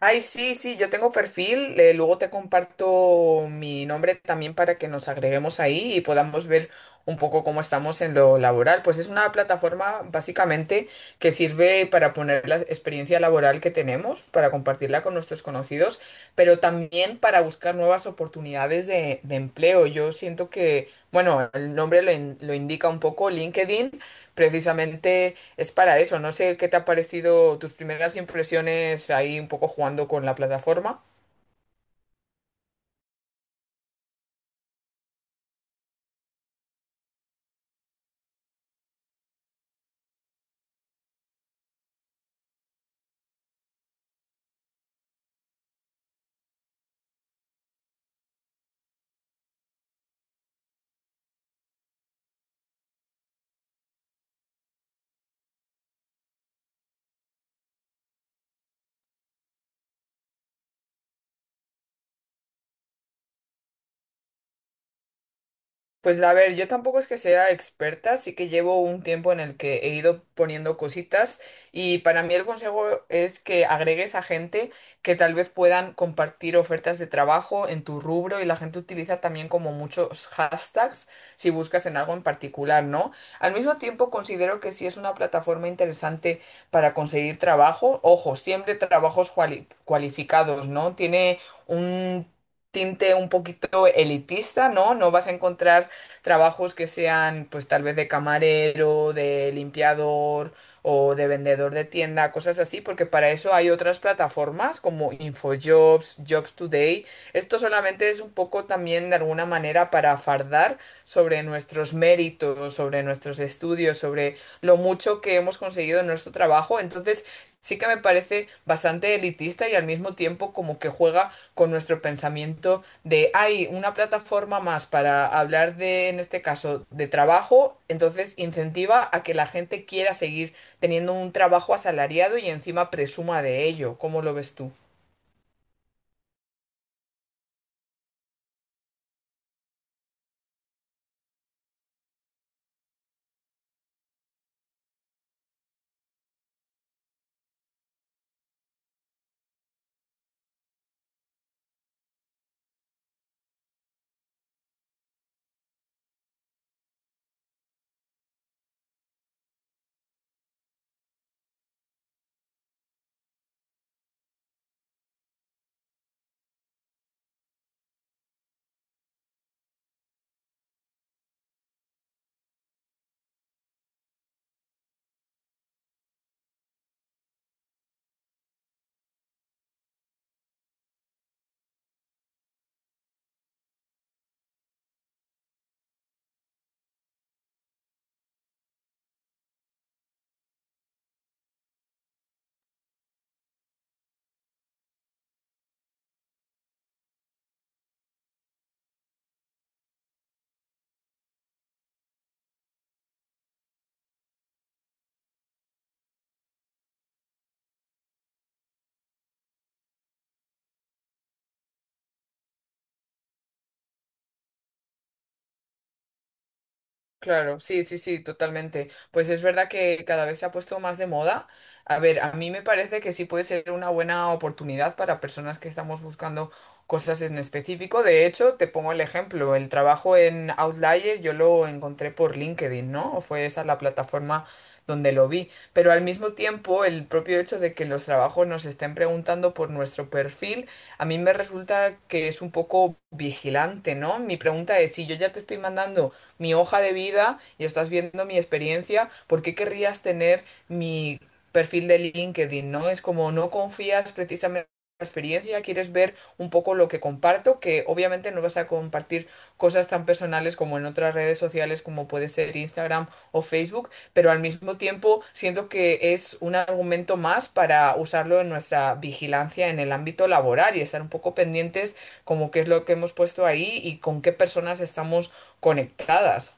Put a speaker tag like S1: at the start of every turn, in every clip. S1: Ay, sí, sí, yo tengo perfil, luego te comparto mi nombre también para que nos agreguemos ahí y podamos ver un poco cómo estamos en lo laboral. Pues es una plataforma básicamente que sirve para poner la experiencia laboral que tenemos, para compartirla con nuestros conocidos, pero también para buscar nuevas oportunidades de empleo. Yo siento que, bueno, el nombre lo, lo indica un poco, LinkedIn precisamente es para eso. No sé qué te ha parecido tus primeras impresiones ahí un poco jugando con la plataforma. Pues a ver, yo tampoco es que sea experta, sí que llevo un tiempo en el que he ido poniendo cositas y para mí el consejo es que agregues a gente que tal vez puedan compartir ofertas de trabajo en tu rubro y la gente utiliza también como muchos hashtags si buscas en algo en particular, ¿no? Al mismo tiempo considero que sí es una plataforma interesante para conseguir trabajo, ojo, siempre trabajos cualificados, ¿no? Tiene un tinte un poquito elitista, ¿no? No vas a encontrar trabajos que sean pues tal vez de camarero, de limpiador o de vendedor de tienda, cosas así, porque para eso hay otras plataformas como InfoJobs, Jobs Today. Esto solamente es un poco también de alguna manera para fardar sobre nuestros méritos, sobre nuestros estudios, sobre lo mucho que hemos conseguido en nuestro trabajo. Entonces, sí que me parece bastante elitista y al mismo tiempo como que juega con nuestro pensamiento de hay una plataforma más para hablar de, en este caso, de trabajo, entonces incentiva a que la gente quiera seguir teniendo un trabajo asalariado y encima presuma de ello. ¿Cómo lo ves tú? Claro, sí, sí, sí, totalmente. Pues es verdad que cada vez se ha puesto más de moda. A ver, a mí me parece que sí puede ser una buena oportunidad para personas que estamos buscando cosas en específico. De hecho, te pongo el ejemplo, el trabajo en Outlier yo lo encontré por LinkedIn, ¿no? Fue esa la plataforma donde lo vi. Pero al mismo tiempo, el propio hecho de que los trabajos nos estén preguntando por nuestro perfil, a mí me resulta que es un poco vigilante, ¿no? Mi pregunta es, si yo ya te estoy mandando mi hoja de vida y estás viendo mi experiencia, ¿por qué querrías tener mi perfil de LinkedIn? ¿No? Es como no confías precisamente en la experiencia, quieres ver un poco lo que comparto, que obviamente no vas a compartir cosas tan personales como en otras redes sociales como puede ser Instagram o Facebook, pero al mismo tiempo siento que es un argumento más para usarlo en nuestra vigilancia en el ámbito laboral y estar un poco pendientes como qué es lo que hemos puesto ahí y con qué personas estamos conectadas.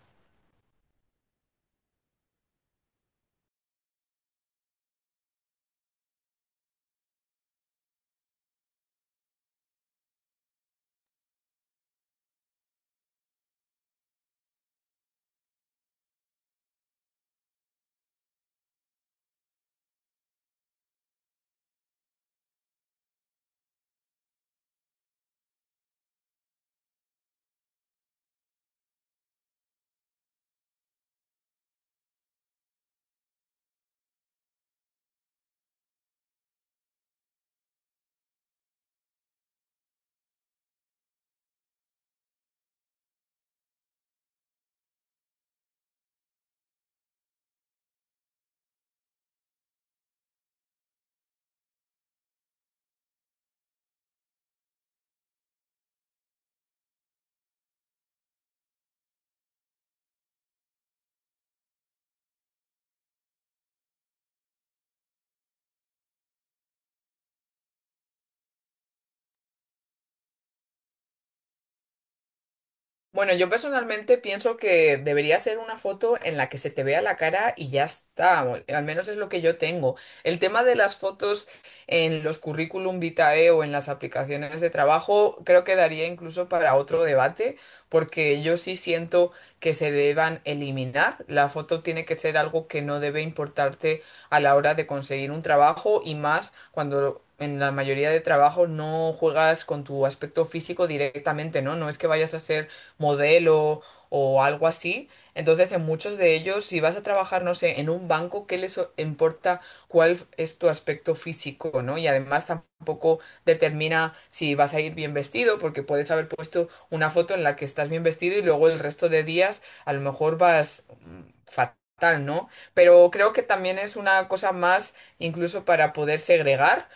S1: Bueno, yo personalmente pienso que debería ser una foto en la que se te vea la cara y ya está, o al menos es lo que yo tengo. El tema de las fotos en los currículum vitae o en las aplicaciones de trabajo creo que daría incluso para otro debate, porque yo sí siento que se deban eliminar. La foto tiene que ser algo que no debe importarte a la hora de conseguir un trabajo y más cuando... En la mayoría de trabajos no juegas con tu aspecto físico directamente, ¿no? No es que vayas a ser modelo o algo así. Entonces, en muchos de ellos, si vas a trabajar, no sé, en un banco, ¿qué les importa cuál es tu aspecto físico? ¿No? Y además tampoco determina si vas a ir bien vestido, porque puedes haber puesto una foto en la que estás bien vestido y luego el resto de días a lo mejor vas fatal, ¿no? Pero creo que también es una cosa más incluso para poder segregar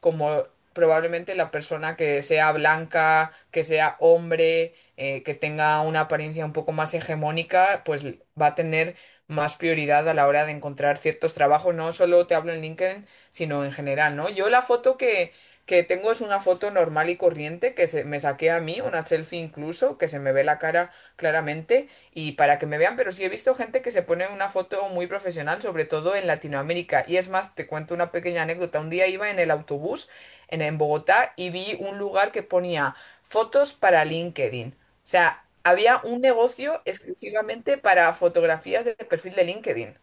S1: como probablemente la persona que sea blanca, que sea hombre, que tenga una apariencia un poco más hegemónica, pues va a tener más prioridad a la hora de encontrar ciertos trabajos. No solo te hablo en LinkedIn, sino en general, ¿no? Yo la foto que tengo es una foto normal y corriente que se, me saqué a mí, una selfie incluso, que se me ve la cara claramente y para que me vean, pero sí he visto gente que se pone una foto muy profesional, sobre todo en Latinoamérica. Y es más, te cuento una pequeña anécdota. Un día iba en el autobús en Bogotá y vi un lugar que ponía fotos para LinkedIn. O sea, había un negocio exclusivamente para fotografías de perfil de LinkedIn.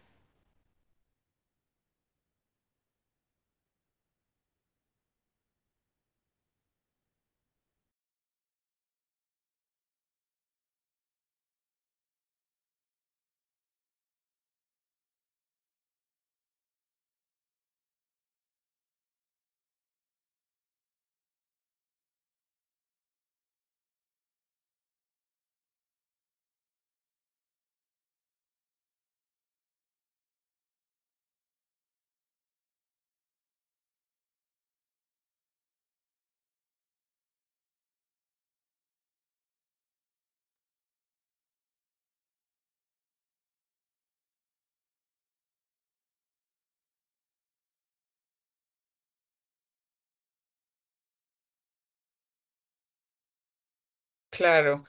S1: Claro.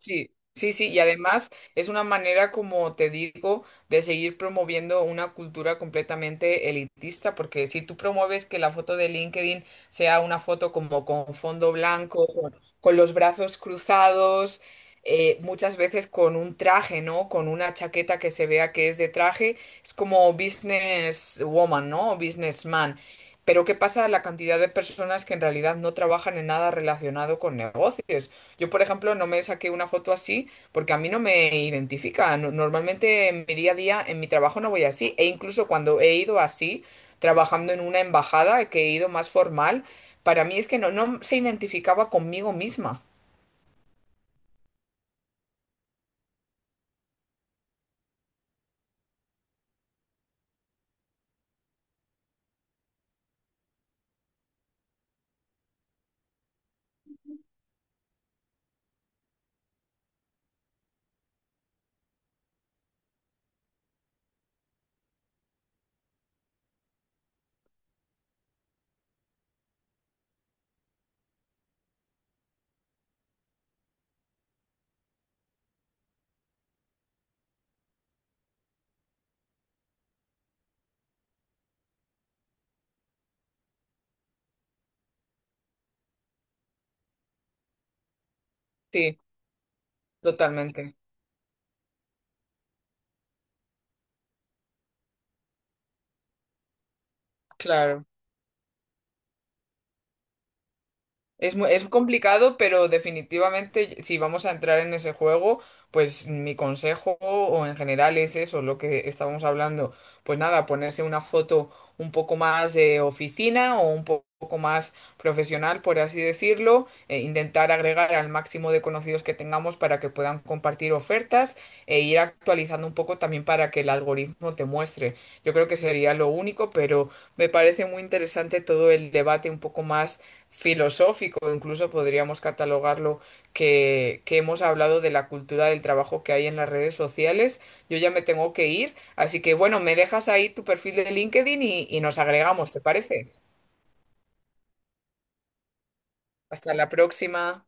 S1: Sí, sí, sí, y además es una manera, como te digo, de seguir promoviendo una cultura completamente elitista, porque si tú promueves que la foto de LinkedIn sea una foto como con fondo blanco, con los brazos cruzados, muchas veces con un traje, ¿no? Con una chaqueta que se vea que es de traje, es como business woman, ¿no? O businessman. Pero ¿qué pasa a la cantidad de personas que en realidad no trabajan en nada relacionado con negocios? Yo, por ejemplo, no me saqué una foto así porque a mí no me identifica. Normalmente en mi día a día, en mi trabajo no voy así. E incluso cuando he ido así, trabajando en una embajada, que he ido más formal, para mí es que no, no se identificaba conmigo misma. Sí, totalmente. Claro. Es, es complicado, pero definitivamente si vamos a entrar en ese juego, pues mi consejo o en general es eso, lo que estábamos hablando. Pues nada, ponerse una foto un poco más de oficina o un poco más profesional, por así decirlo, e intentar agregar al máximo de conocidos que tengamos para que puedan compartir ofertas e ir actualizando un poco también para que el algoritmo te muestre. Yo creo que sería lo único, pero me parece muy interesante todo el debate un poco más filosófico, incluso podríamos catalogarlo, que hemos hablado de la cultura del trabajo que hay en las redes sociales. Yo ya me tengo que ir, así que bueno, me dejas ahí tu perfil de LinkedIn y nos agregamos, ¿te parece? Hasta la próxima.